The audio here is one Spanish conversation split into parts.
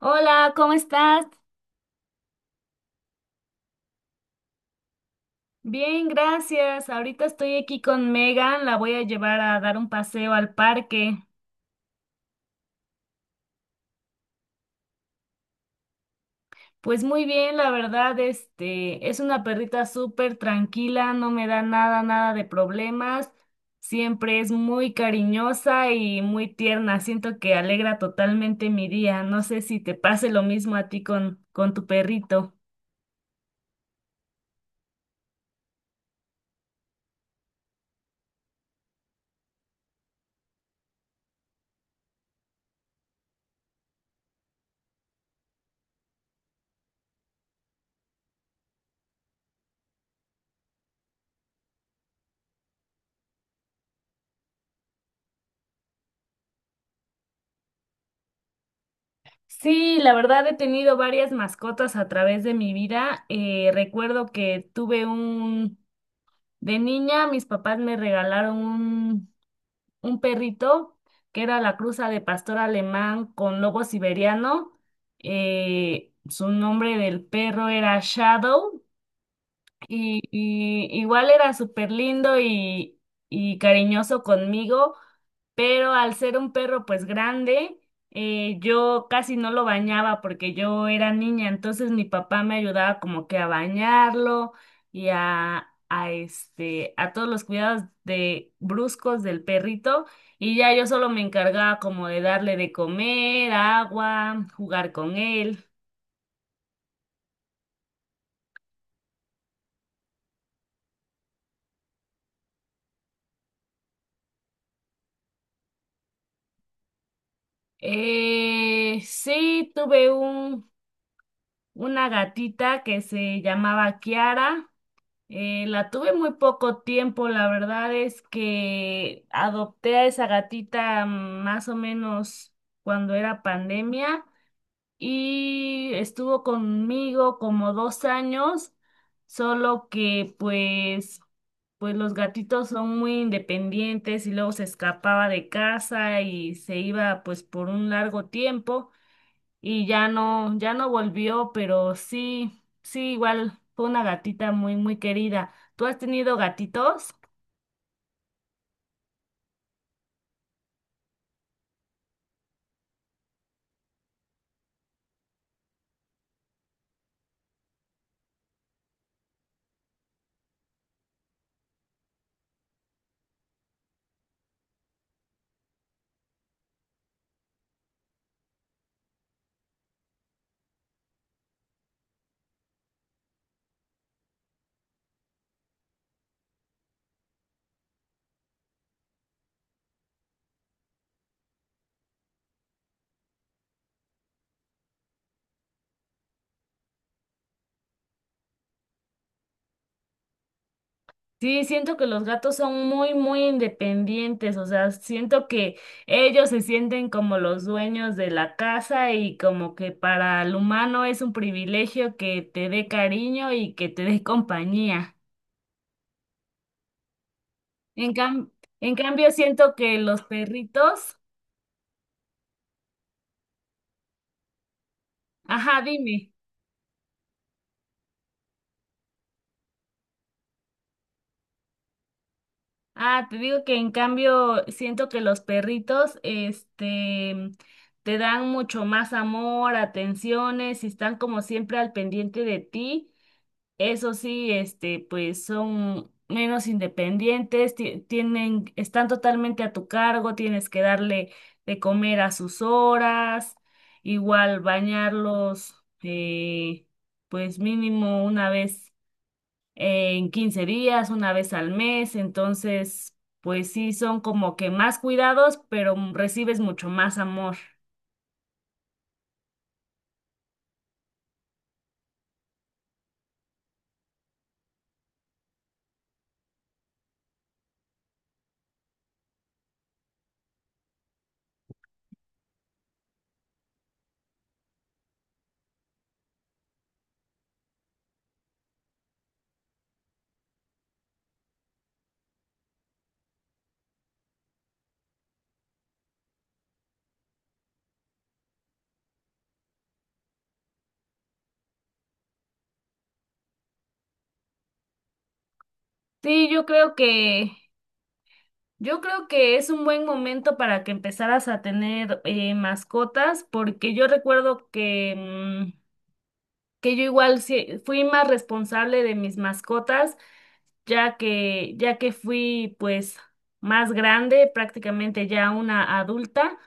Hola, ¿cómo estás? Bien, gracias. Ahorita estoy aquí con Megan, la voy a llevar a dar un paseo al parque. Pues muy bien, la verdad, este, es una perrita súper tranquila, no me da nada, nada de problemas. Siempre es muy cariñosa y muy tierna. Siento que alegra totalmente mi día. No sé si te pase lo mismo a ti con tu perrito. Sí, la verdad he tenido varias mascotas a través de mi vida. Recuerdo que tuve un De niña, mis papás me regalaron un perrito que era la cruza de pastor alemán con lobo siberiano. Su nombre del perro era Shadow y igual era súper lindo y cariñoso conmigo, pero al ser un perro pues grande, yo casi no lo bañaba porque yo era niña, entonces mi papá me ayudaba como que a bañarlo y a este, a todos los cuidados de bruscos del perrito y ya yo solo me encargaba como de darle de comer, agua, jugar con él. Sí, tuve una gatita que se llamaba Kiara. La tuve muy poco tiempo, la verdad es que adopté a esa gatita más o menos cuando era pandemia y estuvo conmigo como 2 años, solo que pues los gatitos son muy independientes y luego se escapaba de casa y se iba pues por un largo tiempo y ya no, ya no volvió, pero sí, sí, igual fue una gatita muy, muy querida. ¿Tú has tenido gatitos? Sí, siento que los gatos son muy, muy independientes, o sea, siento que ellos se sienten como los dueños de la casa y como que para el humano es un privilegio que te dé cariño y que te dé compañía. En cam- en cambio, siento que los perritos, ajá, dime. Ah, te digo que en cambio siento que los perritos, este, te dan mucho más amor, atenciones y están como siempre al pendiente de ti. Eso sí, este, pues son menos independientes, tienen, están totalmente a tu cargo, tienes que darle de comer a sus horas, igual bañarlos, eh, pues mínimo una vez en 15 días, una vez al mes, entonces, pues sí, son como que más cuidados, pero recibes mucho más amor. Sí, yo creo que es un buen momento para que empezaras a tener mascotas, porque yo recuerdo que, mm, que yo igual fui más responsable de mis mascotas ya que fui pues más grande, prácticamente ya una adulta,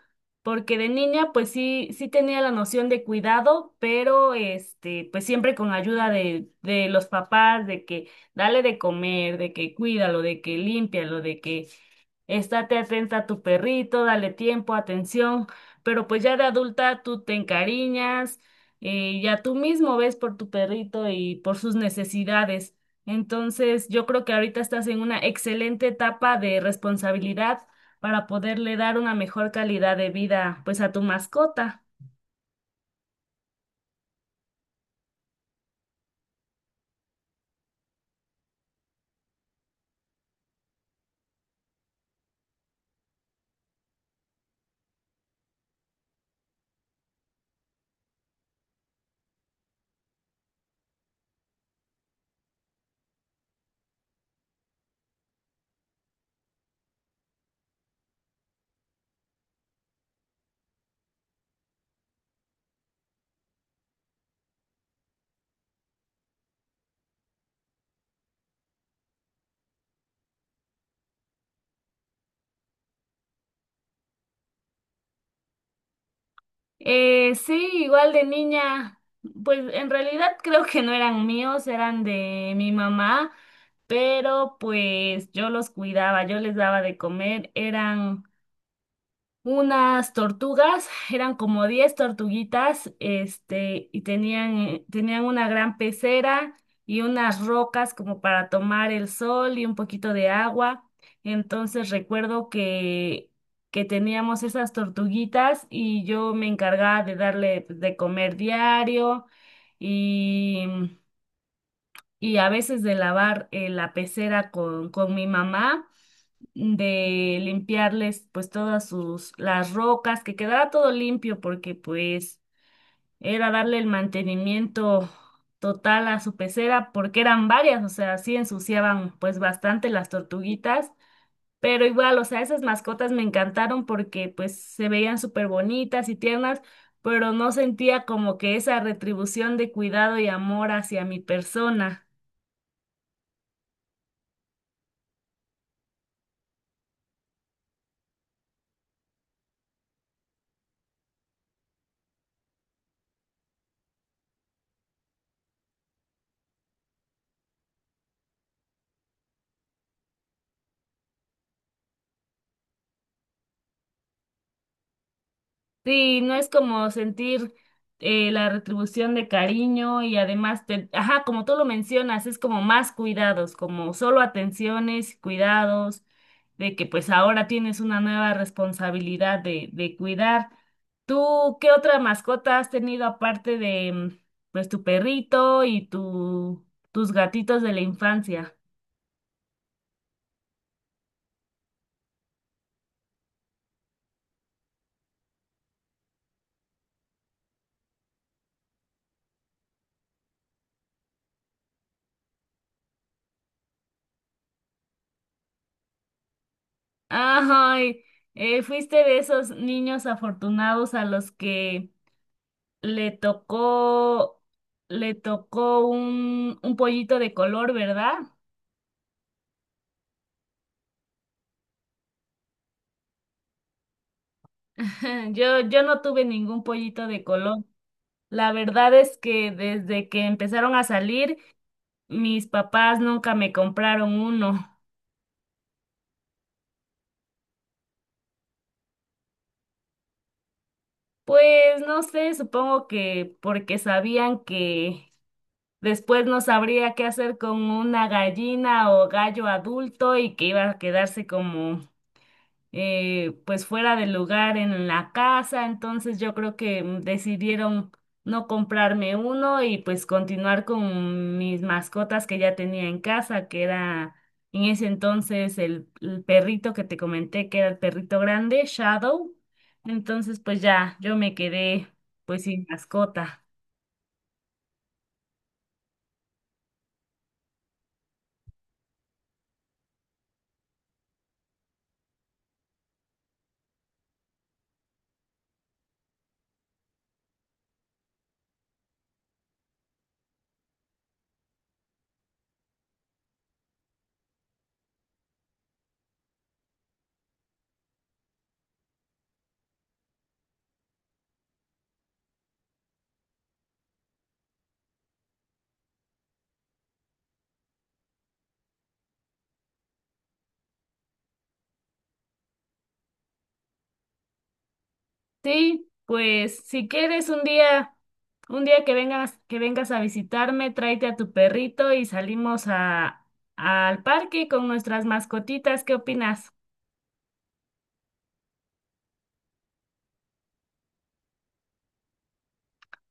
porque de niña pues sí, sí tenía la noción de cuidado, pero este, pues siempre con ayuda de los papás, de que dale de comer, de que cuídalo, de que límpialo, de que estate atenta a tu perrito, dale tiempo, atención, pero pues ya de adulta tú te encariñas, ya tú mismo ves por tu perrito y por sus necesidades. Entonces, yo creo que ahorita estás en una excelente etapa de responsabilidad para poderle dar una mejor calidad de vida pues a tu mascota. Sí, igual de niña, pues en realidad creo que no eran míos, eran de mi mamá, pero pues yo los cuidaba, yo les daba de comer, eran unas tortugas, eran como 10 tortuguitas, este, y tenían, tenían una gran pecera y unas rocas como para tomar el sol y un poquito de agua. Entonces recuerdo que teníamos esas tortuguitas y yo me encargaba de darle pues, de comer diario y, y a veces de lavar la pecera con mi mamá de limpiarles pues todas sus las rocas, que quedara todo limpio porque pues era darle el mantenimiento total a su pecera porque eran varias, o sea, sí ensuciaban pues bastante las tortuguitas, pero igual, o sea, esas mascotas me encantaron porque pues se veían súper bonitas y tiernas, pero no sentía como que esa retribución de cuidado y amor hacia mi persona. Sí, no es como sentir la retribución de cariño y además, ajá, como tú lo mencionas, es como más cuidados, como solo atenciones, cuidados, de que pues ahora tienes una nueva responsabilidad de cuidar. ¿Tú qué otra mascota has tenido aparte de pues tu perrito y tus gatitos de la infancia? Ay, fuiste de esos niños afortunados a los que le tocó, le tocó un pollito de color, ¿verdad? Yo no tuve ningún pollito de color. La verdad es que desde que empezaron a salir, mis papás nunca me compraron uno. Pues no sé, supongo que porque sabían que después no sabría qué hacer con una gallina o gallo adulto y que iba a quedarse como pues fuera del lugar en la casa, entonces yo creo que decidieron no comprarme uno y pues continuar con mis mascotas que ya tenía en casa, que era en ese entonces el perrito que te comenté, que era el perrito grande, Shadow. Entonces pues ya yo me quedé pues sin mascota. Sí, pues si quieres un día que vengas a visitarme, tráete a tu perrito y salimos a, al parque con nuestras mascotitas. ¿Qué opinas?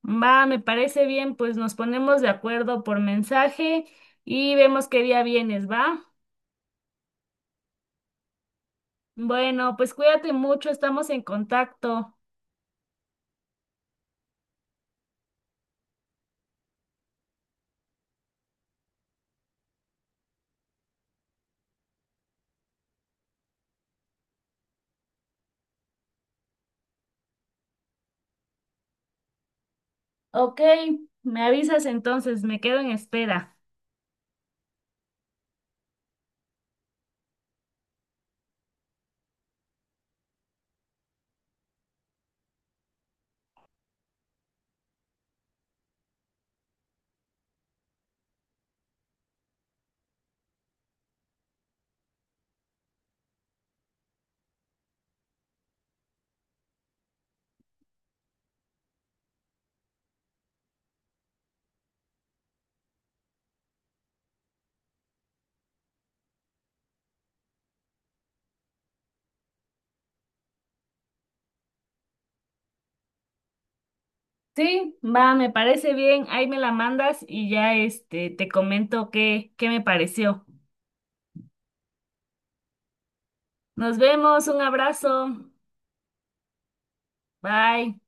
Va, me parece bien, pues nos ponemos de acuerdo por mensaje y vemos qué día vienes, ¿va? Bueno, pues cuídate mucho, estamos en contacto. Ok, me avisas entonces, me quedo en espera. Sí, va, me parece bien. Ahí me la mandas y ya este te comento qué, qué me pareció. Nos vemos, un abrazo. Bye.